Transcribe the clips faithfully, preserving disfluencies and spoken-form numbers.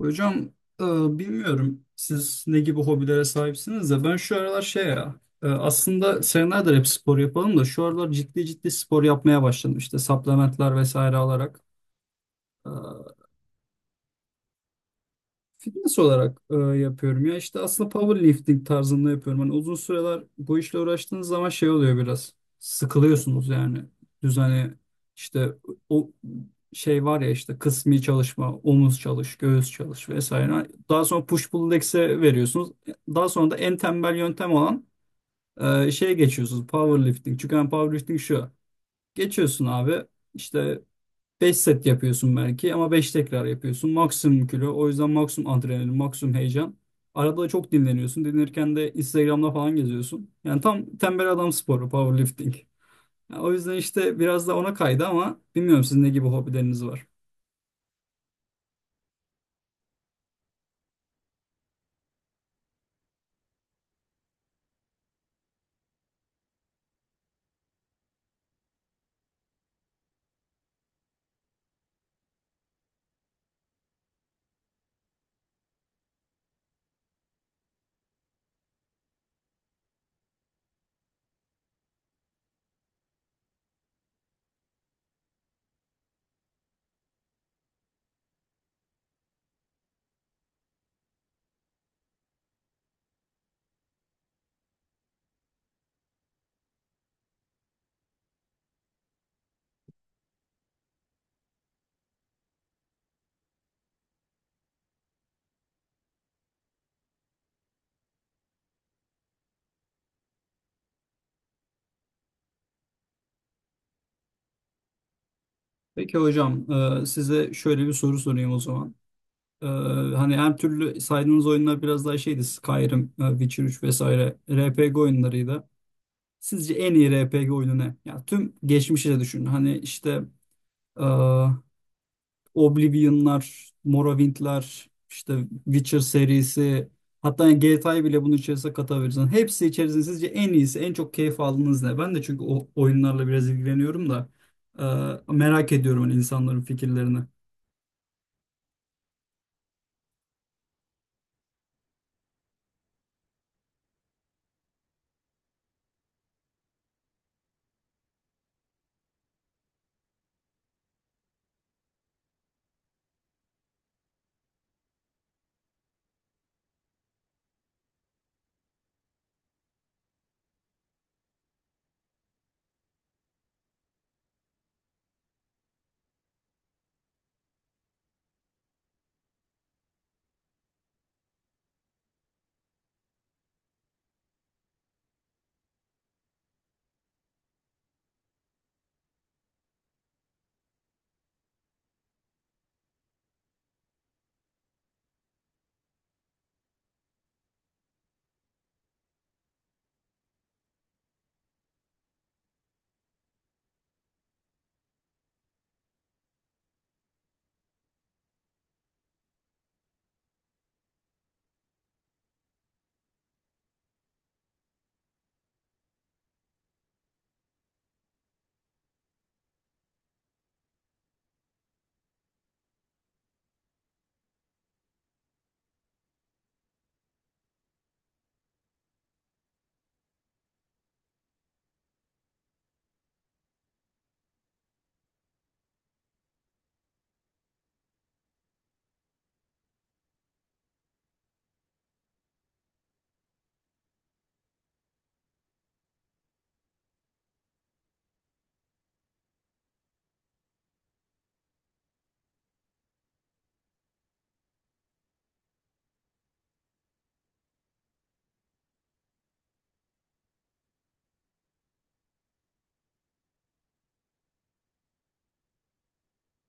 Hocam e, bilmiyorum siz ne gibi hobilere sahipsiniz de ben şu aralar şey ya e, aslında senelerdir hep spor yapalım da şu aralar ciddi ciddi spor yapmaya başladım işte supplementler vesaire alarak. E, Fitness olarak e, yapıyorum ya işte aslında powerlifting tarzında yapıyorum. Hani uzun süreler bu işle uğraştığınız zaman şey oluyor biraz sıkılıyorsunuz yani düzeni işte o şey var ya işte kısmi çalışma, omuz çalış, göğüs çalış vesaire. Daha sonra push pull legs'e veriyorsunuz. Daha sonra da en tembel yöntem olan e, şeye geçiyorsunuz powerlifting. Çünkü hani powerlifting şu geçiyorsun abi işte beş set yapıyorsun belki ama beş tekrar yapıyorsun. Maksimum kilo. O yüzden maksimum adrenalin, maksimum heyecan. Arada da çok dinleniyorsun. Dinlenirken de Instagram'da falan geziyorsun. Yani tam tembel adam sporu, powerlifting. Yani o yüzden işte biraz da ona kaydı ama bilmiyorum sizin ne gibi hobileriniz var. Peki hocam, e, size şöyle bir soru sorayım o zaman. E, Hani her türlü saydığınız oyunlar biraz daha şeydi. Skyrim, e, Witcher üç vesaire R P G oyunlarıydı. Sizce en iyi R P G oyunu ne? Ya tüm geçmişi de düşünün. Hani işte e, Oblivion'lar, Morrowind'ler, işte Witcher serisi, hatta G T A'yı bile bunun içerisine katabilirsin. Hepsi içerisinde sizce en iyisi, en çok keyif aldığınız ne? Ben de çünkü o oyunlarla biraz ilgileniyorum da e, merak ediyorum hani insanların fikirlerini.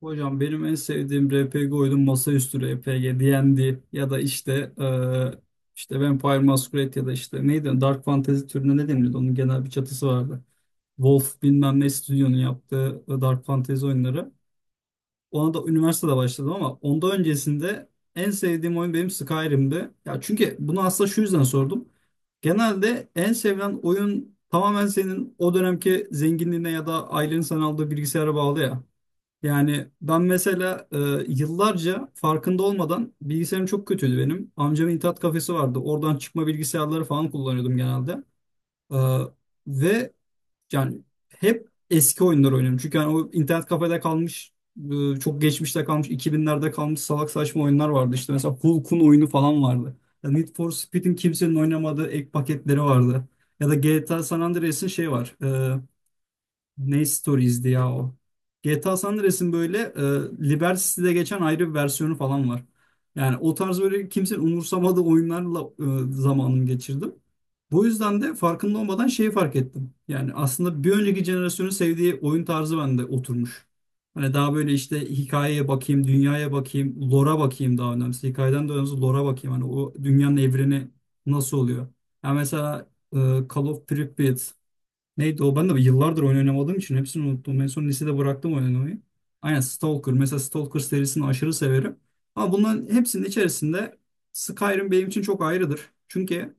Hocam benim en sevdiğim R P G oyunu masaüstü R P G, D and D ya da işte eee, işte Vampire Masquerade ya da işte neydi Dark Fantasy türüne ne denirdi onun genel bir çatısı vardı. Wolf bilmem ne stüdyonun yaptığı e, Dark Fantasy oyunları. Ona da üniversitede başladım ama ondan öncesinde en sevdiğim oyun benim Skyrim'di. Ya çünkü bunu aslında şu yüzden sordum. Genelde en sevilen oyun tamamen senin o dönemki zenginliğine ya da ailenin sana aldığı bilgisayara bağlı ya. Yani ben mesela e, yıllarca farkında olmadan bilgisayarım çok kötüydü benim. Amcamın internet kafesi vardı. Oradan çıkma bilgisayarları falan kullanıyordum genelde. E, ve yani hep eski oyunlar oynuyorum. Çünkü yani o internet kafede kalmış, e, çok geçmişte kalmış, iki binlerde kalmış salak saçma oyunlar vardı. İşte mesela Hulk'un oyunu falan vardı. Ya Need for Speed'in kimsenin oynamadığı ek paketleri vardı. Ya da G T A San Andreas'ın şey var. e, ne Stories'di ya o. G T A San Andreas'ın böyle e, Liberty City'de geçen ayrı bir versiyonu falan var. Yani o tarz böyle kimsenin umursamadığı oyunlarla e, zamanımı geçirdim. Bu yüzden de farkında olmadan şeyi fark ettim. Yani aslında bir önceki jenerasyonun sevdiği oyun tarzı bende oturmuş. Hani daha böyle işte hikayeye bakayım, dünyaya bakayım, lore'a bakayım daha önemlisi. Hikayeden de önemlisi lore'a bakayım. Hani o dünyanın evreni nasıl oluyor? Yani mesela e, Call of Pripyat neydi o? Ben de yıllardır oyun oynamadığım için hepsini unuttum. En son lisede bıraktım oynamayı. Aynen Stalker. Mesela Stalker serisini aşırı severim. Ama bunların hepsinin içerisinde Skyrim benim için çok ayrıdır. Çünkü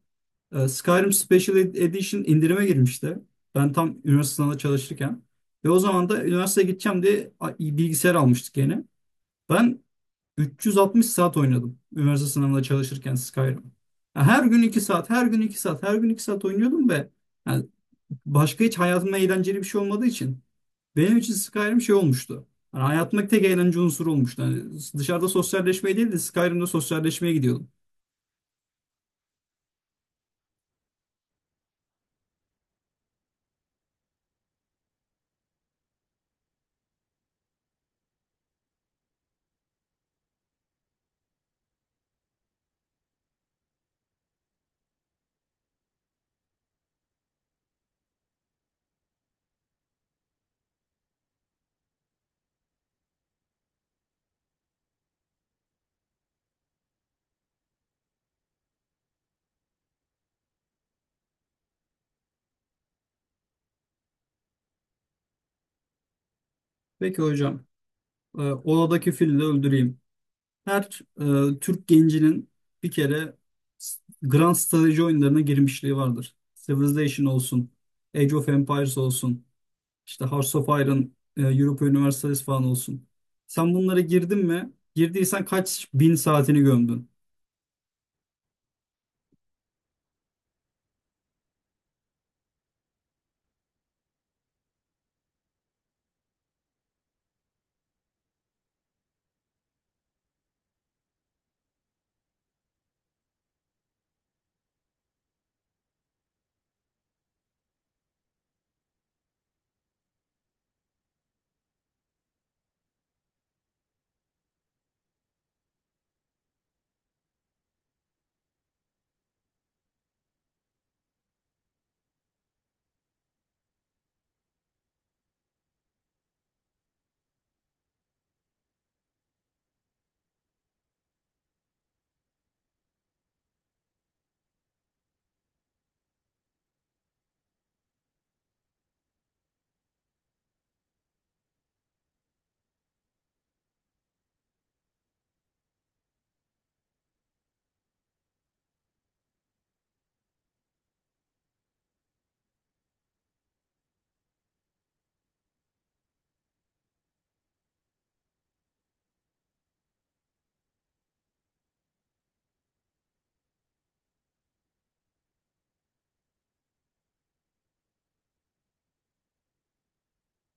e, Skyrim Special Ed- Edition indirime girmişti. Ben tam üniversite sınavında çalışırken. Ve o zaman da üniversiteye gideceğim diye a- bilgisayar almıştık yeni. Ben üç yüz altmış saat oynadım üniversite sınavında çalışırken Skyrim. Ya Her gün iki saat, her gün iki saat, her gün iki saat oynuyordum ve yani başka hiç hayatımda eğlenceli bir şey olmadığı için benim için Skyrim şey olmuştu. Hani hayatımdaki tek eğlence unsuru olmuştu. Hani dışarıda sosyalleşmeye değil de Skyrim'de sosyalleşmeye gidiyordum. Peki hocam, e, odadaki fili de öldüreyim. Her e, Türk gencinin bir kere s- Grand Strateji oyunlarına girmişliği vardır. Civilization olsun, Age of Empires olsun. İşte Hearts of Iron, e, Europa Universalis falan olsun. Sen bunlara girdin mi? Girdiysen kaç bin saatini gömdün?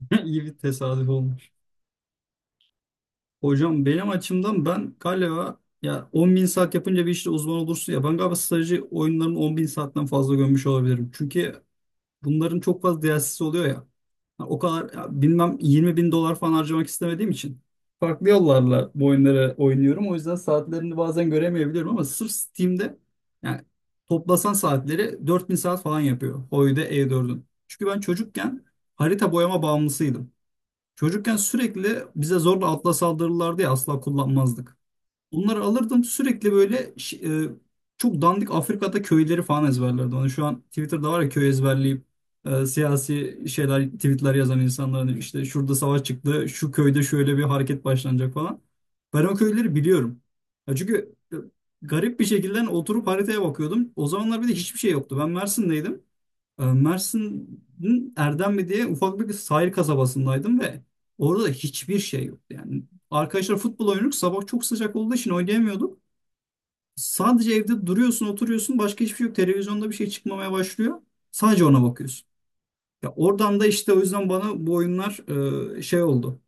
İyi bir tesadüf olmuş. Hocam benim açımdan ben galiba ya on bin saat yapınca bir işte uzman olursun ya ben galiba strateji oyunlarının on bin saatten fazla gömmüş olabilirim. Çünkü Bunların çok fazla D L C'si oluyor ya. Ha, O kadar ya bilmem yirmi bin dolar falan harcamak istemediğim için farklı yollarla bu oyunları oynuyorum. O yüzden saatlerini bazen göremeyebiliyorum ama sırf Steam'de yani toplasan saatleri dört bin saat falan yapıyor. Oyda E dördün. Çünkü ben çocukken harita boyama bağımlısıydım. Çocukken sürekli bize zorla atla saldırırlardı ya asla kullanmazdık. Bunları alırdım sürekli böyle ş- e, çok dandik Afrika'da köyleri falan ezberlerdim. Hani şu an Twitter'da var ya köy ezberleyip e, siyasi şeyler tweetler yazan insanların işte şurada savaş çıktı, şu köyde şöyle bir hareket başlanacak falan. Ben o köyleri biliyorum. Ya çünkü e, garip bir şekilde oturup haritaya bakıyordum. O zamanlar bir de hiçbir şey yoktu. Ben Mersin'deydim. E, Mersin'in Erdemli diye ufak bir sahil kasabasındaydım ve orada da hiçbir şey yoktu. Yani arkadaşlar futbol oynuyorduk. Sabah çok sıcak olduğu için oynayamıyorduk. Sadece evde duruyorsun, oturuyorsun. Başka hiçbir şey yok. Televizyonda bir şey çıkmamaya başlıyor. Sadece ona bakıyorsun. Ya oradan da işte o yüzden bana bu oyunlar e, şey oldu.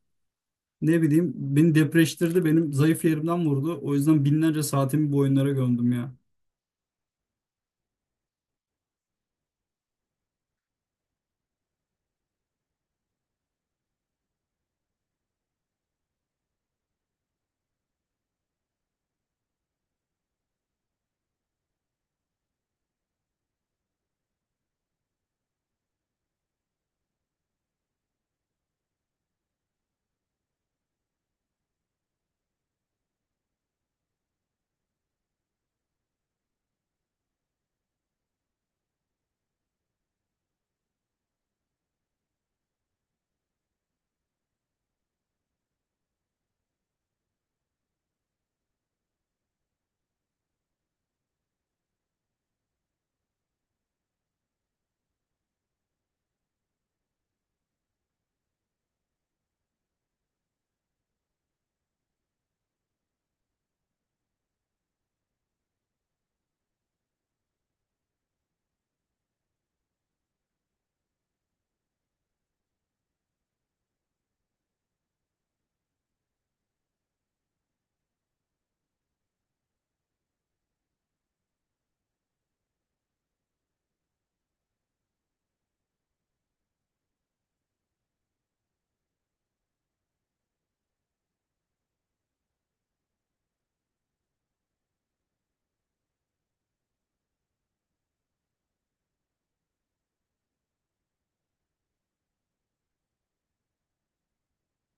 Ne bileyim beni depreştirdi. Benim zayıf yerimden vurdu. O yüzden binlerce saatimi bu oyunlara gömdüm ya.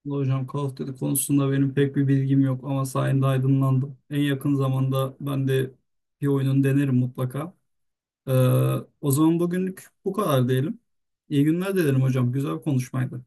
Hocam Call of Duty konusunda benim pek bir bilgim yok ama sayende aydınlandım. En yakın zamanda ben de bir oyunun denerim mutlaka. Ee, o zaman bugünlük bu kadar diyelim. İyi günler dilerim hocam. Güzel bir konuşmaydı.